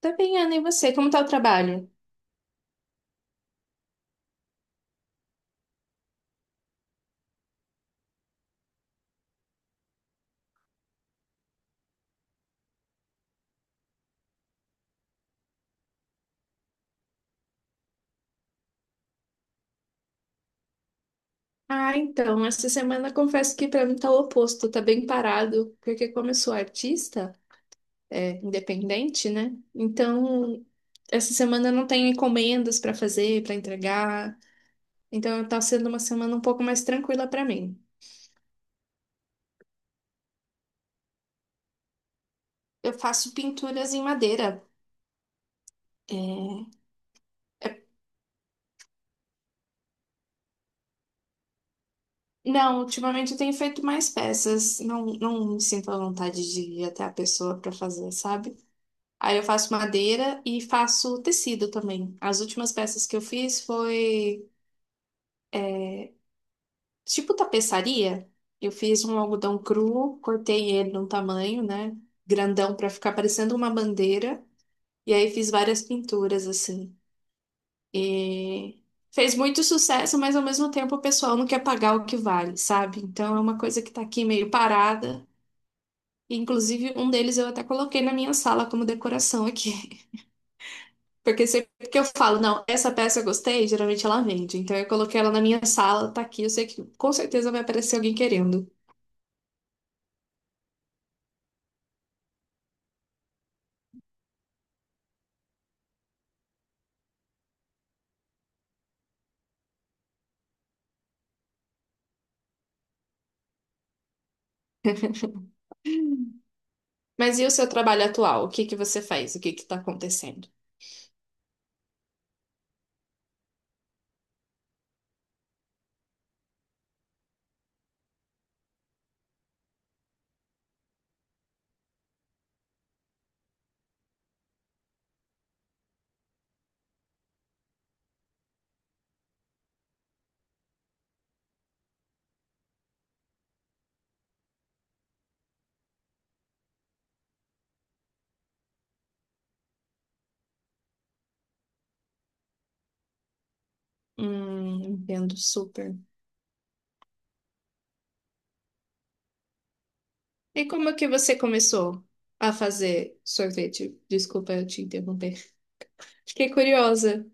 Tá bem, Ana, e você? Como tá o trabalho? Ah, então, essa semana confesso que pra mim tá o oposto, tá bem parado, porque como eu sou artista, é, independente, né? Então, essa semana eu não tenho encomendas pra fazer, pra entregar, então tá sendo uma semana um pouco mais tranquila pra mim. Eu faço pinturas em madeira. É, é- Não, ultimamente eu tenho feito mais peças, não, não me sinto à vontade de ir até a pessoa pra fazer, sabe? Aí eu faço madeira e faço tecido também. As últimas peças que eu fiz foi tipo tapeçaria. Eu fiz um algodão cru, cortei ele num tamanho, né? Grandão pra ficar parecendo uma bandeira. E aí fiz várias pinturas assim. E fez muito sucesso, mas ao mesmo tempo o pessoal não quer pagar o que vale, sabe? Então é uma coisa que tá aqui meio parada. Inclusive, um deles eu até coloquei na minha sala como decoração aqui. Porque sempre que eu falo, não, essa peça eu gostei, geralmente ela vende. Então eu coloquei ela na minha sala, tá aqui, eu sei que com certeza vai aparecer alguém querendo. Mas e o seu trabalho atual? O que que você faz? O que que tá acontecendo? Entendo super. E como é que você começou a fazer sorvete? Desculpa eu te interromper. Fiquei curiosa.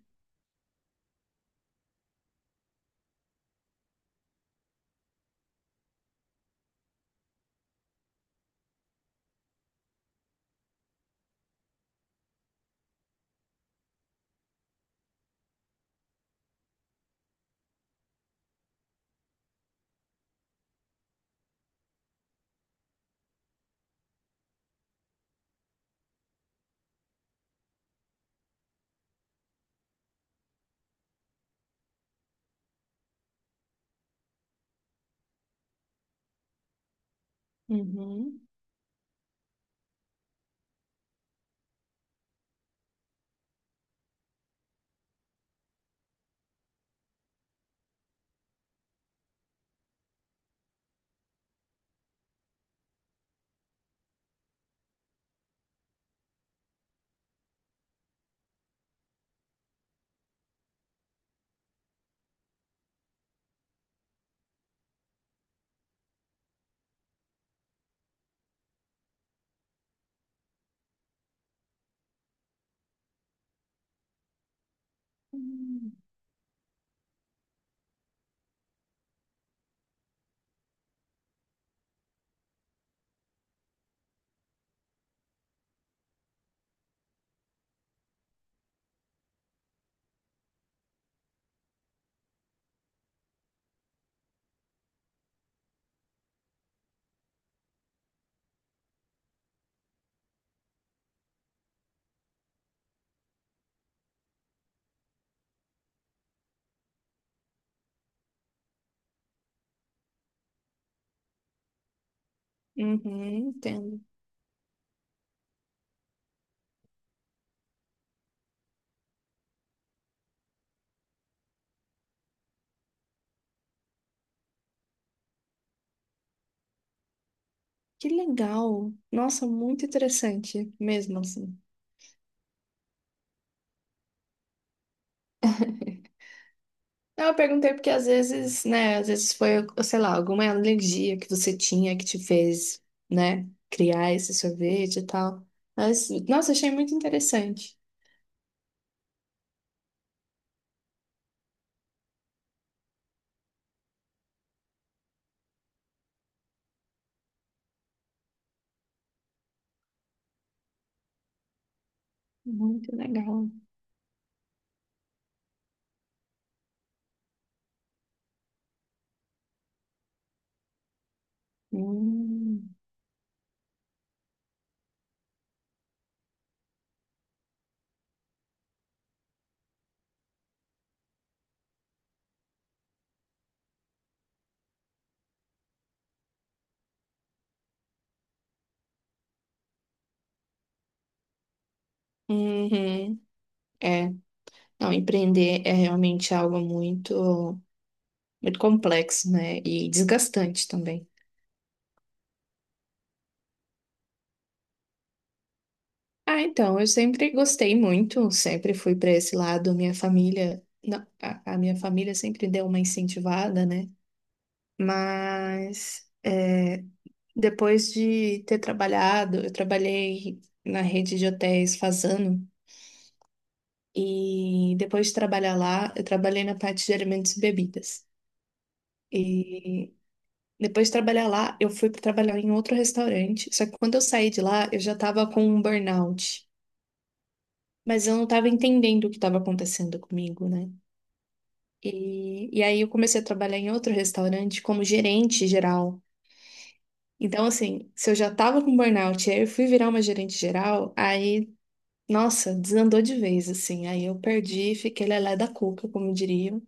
Uhum. Uhum, entendo. Que legal! Nossa, muito interessante mesmo assim. Não, eu perguntei porque às vezes, né, às vezes foi, sei lá, alguma alergia que você tinha que te fez, né, criar esse sorvete e tal. Mas, nossa, achei muito interessante. Muito legal. Hum. Uhum. É, não, empreender é realmente algo muito, muito complexo, né, e desgastante também. Ah, então, eu sempre gostei muito, sempre fui para esse lado. Minha família, não, a minha família sempre deu uma incentivada, né? Mas é, depois de ter trabalhado, eu trabalhei na rede de hotéis Fazano e depois de trabalhar lá, eu trabalhei na parte de alimentos e bebidas. E depois de trabalhar lá, eu fui para trabalhar em outro restaurante. Só que quando eu saí de lá, eu já estava com um burnout. Mas eu não estava entendendo o que estava acontecendo comigo, né? E aí eu comecei a trabalhar em outro restaurante como gerente geral. Então, assim, se eu já tava com burnout, e aí eu fui virar uma gerente geral, aí, nossa, desandou de vez, assim. Aí eu perdi, fiquei lelé da cuca, como diriam.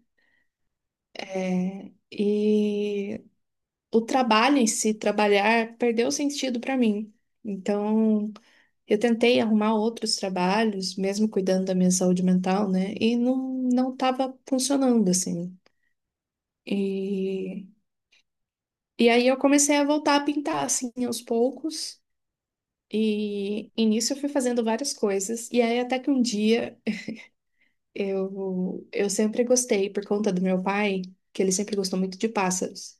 É, e o trabalho em si, trabalhar, perdeu sentido para mim. Então, eu tentei arrumar outros trabalhos, mesmo cuidando da minha saúde mental, né? E não estava funcionando assim. E E aí eu comecei a voltar a pintar assim aos poucos. E nisso eu fui fazendo várias coisas. E aí até que um dia eu sempre gostei, por conta do meu pai, que ele sempre gostou muito de pássaros.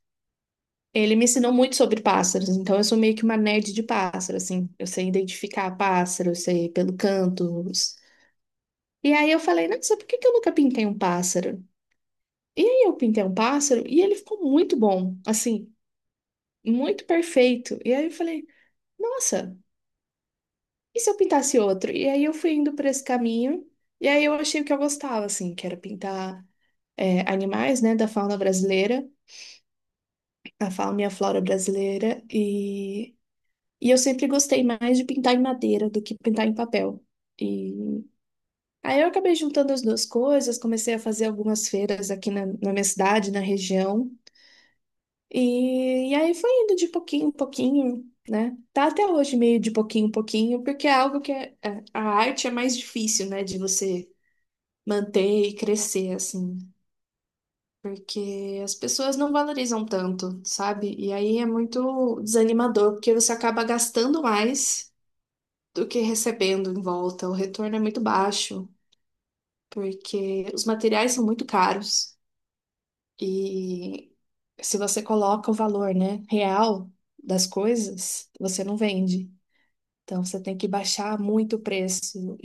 Ele me ensinou muito sobre pássaros, então eu sou meio que uma nerd de pássaro, assim. Eu sei identificar pássaro, eu sei pelo canto. E aí eu falei, nossa, por que que eu nunca pintei um pássaro? E aí eu pintei um pássaro e ele ficou muito bom, assim, muito perfeito. E aí eu falei, nossa. E se eu pintasse outro? E aí eu fui indo por esse caminho, e aí eu achei o que eu gostava, assim, que era pintar é, animais, né, da fauna brasileira, a fauna e a flora brasileira, e eu sempre gostei mais de pintar em madeira do que pintar em papel. E aí eu acabei juntando as duas coisas, comecei a fazer algumas feiras aqui na minha cidade, na região, e aí foi indo de pouquinho em pouquinho. Né? Tá até hoje meio de pouquinho em pouquinho, porque é algo que a arte é mais difícil, né, de você manter e crescer, assim, porque as pessoas não valorizam tanto, sabe? E aí é muito desanimador, porque você acaba gastando mais do que recebendo em volta. O retorno é muito baixo, porque os materiais são muito caros e se você coloca o valor, né, real das coisas, você não vende. Então você tem que baixar muito o preço.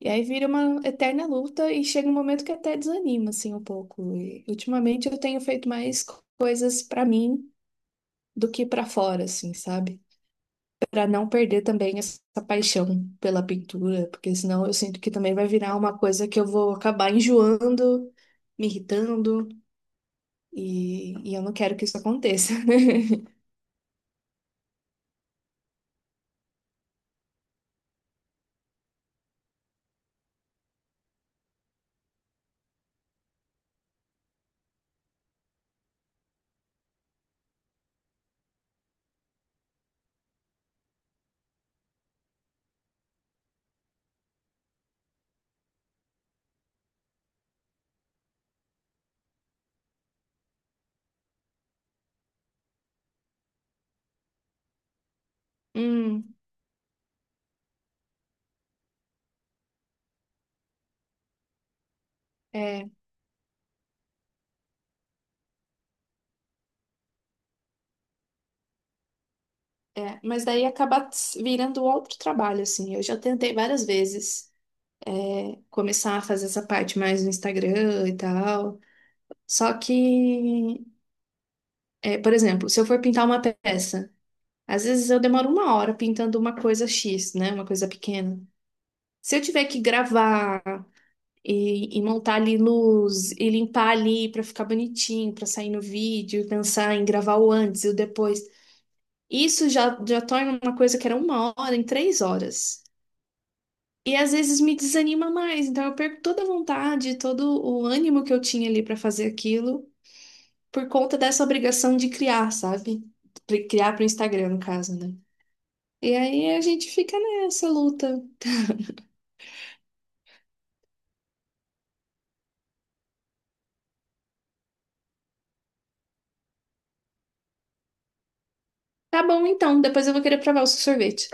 E aí vira uma eterna luta e chega um momento que até desanima, assim, um pouco. E ultimamente eu tenho feito mais coisas pra mim do que pra fora, assim, sabe? Pra não perder também essa paixão pela pintura, porque senão eu sinto que também vai virar uma coisa que eu vou acabar enjoando, me irritando, e eu não quero que isso aconteça. Hum, é, é. Mas daí acaba virando outro trabalho, assim. Eu já tentei várias vezes. É, começar a fazer essa parte mais no Instagram e tal. Só que, é, por exemplo, se eu for pintar uma peça, às vezes eu demoro 1 hora pintando uma coisa X, né? Uma coisa pequena. Se eu tiver que gravar e montar ali luz e limpar ali pra ficar bonitinho, pra sair no vídeo, e pensar em gravar o antes e o depois, isso já torna uma coisa que era 1 hora em 3 horas. E às vezes me desanima mais, então eu perco toda a vontade, todo o ânimo que eu tinha ali pra fazer aquilo, por conta dessa obrigação de criar, sabe? Criar pro Instagram, no caso, né? E aí a gente fica nessa luta. Tá bom, então, depois eu vou querer provar o seu sorvete.